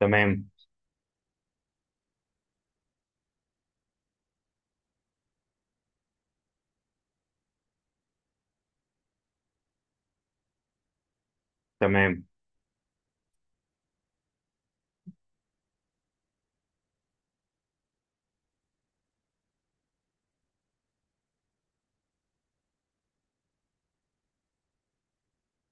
تمام. تمام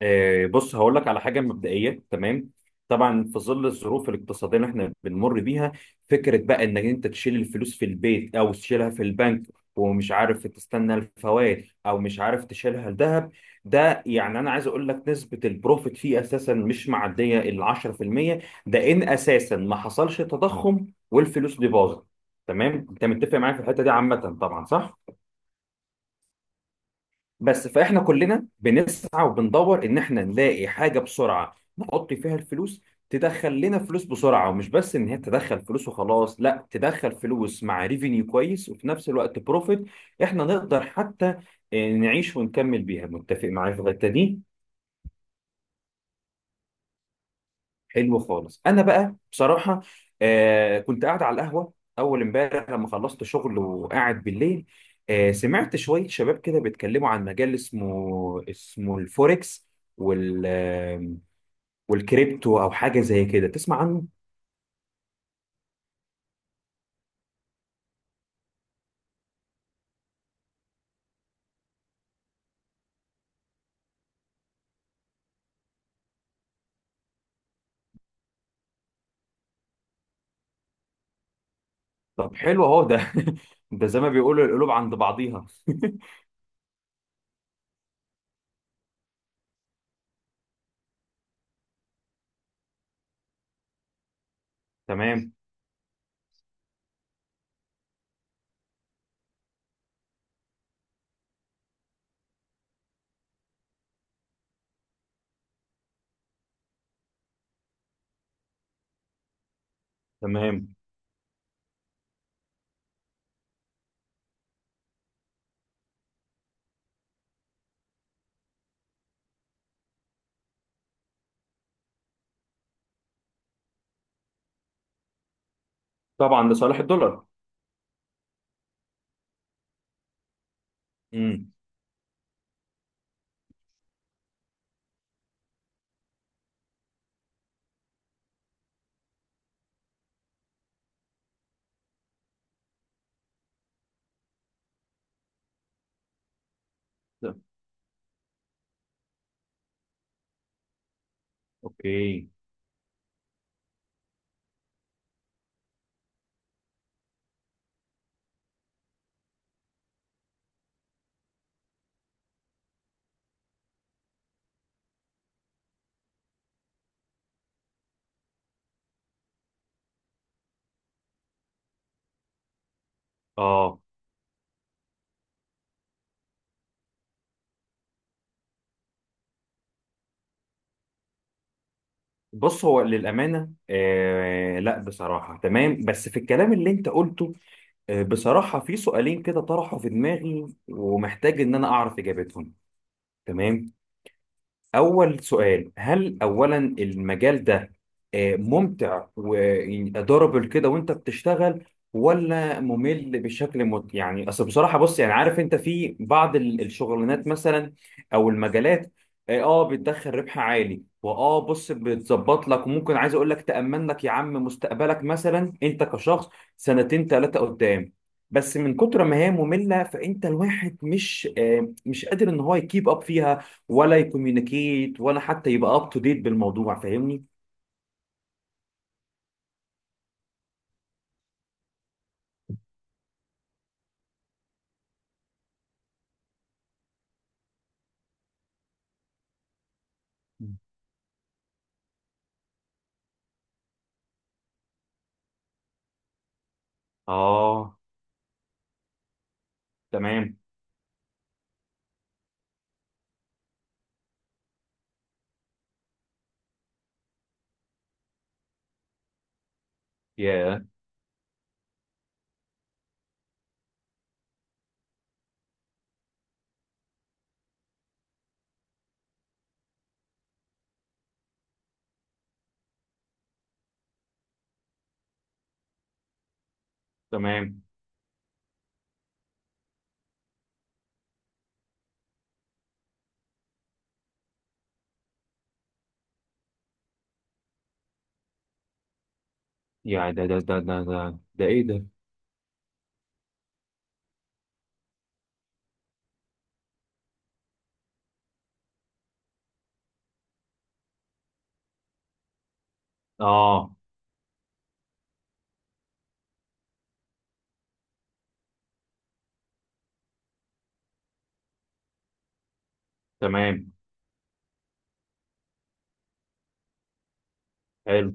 بص، هقول لك على حاجه مبدئيه. تمام، طبعا في ظل الظروف الاقتصاديه اللي احنا بنمر بيها، فكره بقى انك انت تشيل الفلوس في البيت او تشيلها في البنك ومش عارف تستنى الفوائد او مش عارف تشيلها الذهب، ده يعني انا عايز اقول لك نسبه البروفيت فيه اساسا مش معديه ال 10%. ده ان اساسا ما حصلش تضخم والفلوس دي باظت. تمام، انت متفق معايا في الحته دي عامه؟ طبعا صح. بس فاحنا كلنا بنسعى وبندور ان احنا نلاقي حاجه بسرعه نحط فيها الفلوس، تدخل لنا فلوس بسرعه، ومش بس ان هي تدخل فلوس وخلاص، لا، تدخل فلوس مع ريفينيو كويس وفي نفس الوقت بروفيت احنا نقدر حتى نعيش ونكمل بيها. متفق معايا في الحته دي؟ حلو خالص. انا بقى بصراحه كنت قاعد على القهوه اول امبارح لما خلصت شغل وقاعد بالليل، سمعت شويه شباب كده بيتكلموا عن مجال اسمه الفوركس وال آه، والكريبتو او حاجه زي كده. تسمع عنه؟ طب حلو، اهو ده. ده زي ما بيقولوا القلوب عند بعضيها. تمام. تمام، طبعا لصالح الدولار. امم. اوكي. اه، بص، هو للأمانة لا بصراحة تمام، بس في الكلام اللي أنت قلته بصراحة في سؤالين كده طرحوا في دماغي ومحتاج إن أنا أعرف إجابتهم. تمام، أول سؤال: هل أولا المجال ده ممتع وضربل كده وأنت بتشتغل، ولا ممل بشكل يعني أصل بصراحة، بص، يعني عارف أنت في بعض الشغلانات مثلا أو المجالات بتدخل ربح عالي، وآه بص بتظبط لك، وممكن عايز أقول لك تأمن لك يا عم مستقبلك مثلا أنت كشخص، سنتين ثلاثة قدام، بس من كتر ما هي مملة فأنت الواحد مش مش قادر إن هو يكيب أب فيها ولا يكوميونيكيت ولا حتى يبقى اب تو ديت بالموضوع. فاهمني؟ اه. تمام. يا، تمام. يا، ده ايه ده. اه تمام. حلو.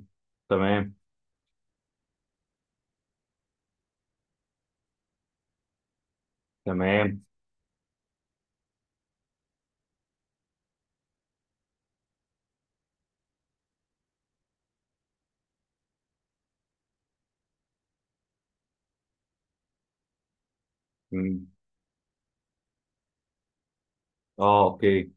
تمام. تمام. مم. اه اوكي.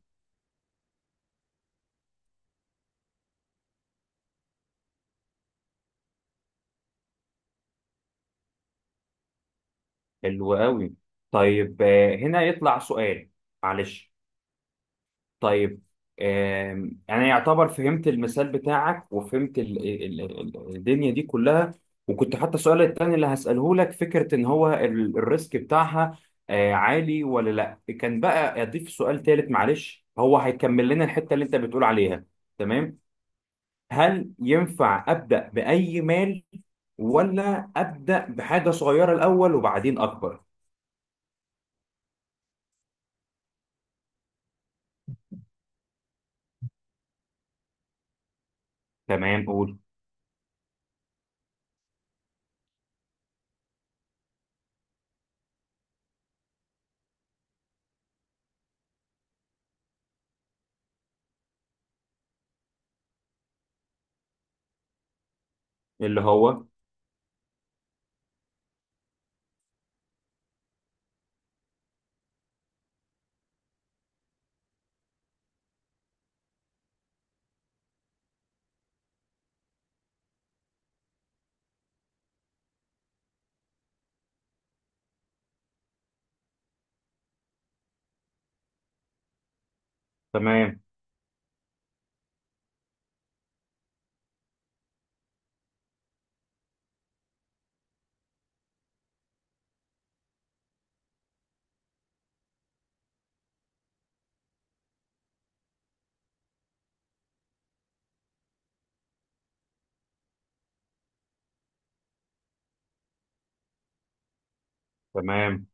حلو قوي. طيب، هنا يطلع سؤال. معلش. طيب انا يعتبر فهمت المثال بتاعك وفهمت الدنيا دي كلها، وكنت حتى السؤال التاني اللي هسأله لك فكرة ان هو الريسك بتاعها عالي ولا لا. كان بقى اضيف سؤال تالت معلش هو هيكمل لنا الحتة اللي انت بتقول عليها. تمام، هل ينفع أبدأ بأي مال، ولا أبدأ بحاجة صغيرة الأول وبعدين أكبر؟ تمام، قول. اللي هو تمام. تمام.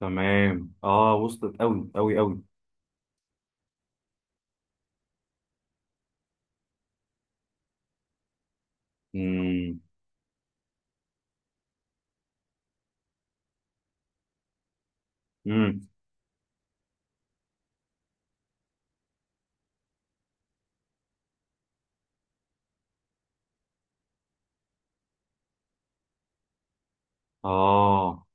تمام. اه وصلت، قوي قوي قوي. امم. امم. اه.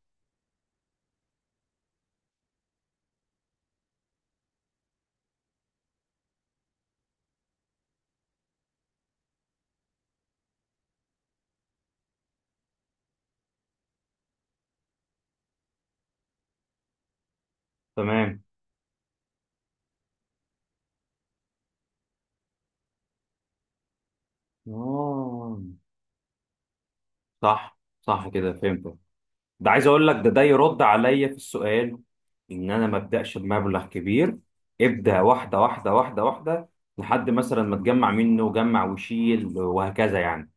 تمام. اه. صح صح، كده فهمت. ده عايز اقول لك ده ده يرد عليا في السؤال ان انا ما ابداش بمبلغ كبير، ابدا واحده واحده واحده واحده، لحد مثلا ما تجمع منه وجمع وشيل وهكذا يعني.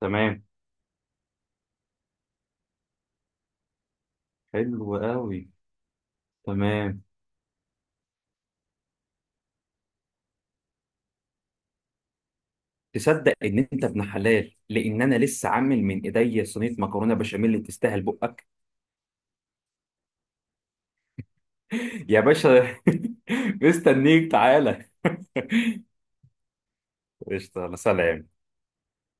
تمام. حلو قوي. تمام، تصدق ان انت ابن حلال لان انا لسه عامل من ايديا صينيه مكرونه بشاميل اللي تستاهل بقك. يا باشا. مستنيك، تعالى. قشطة. أنا سلام.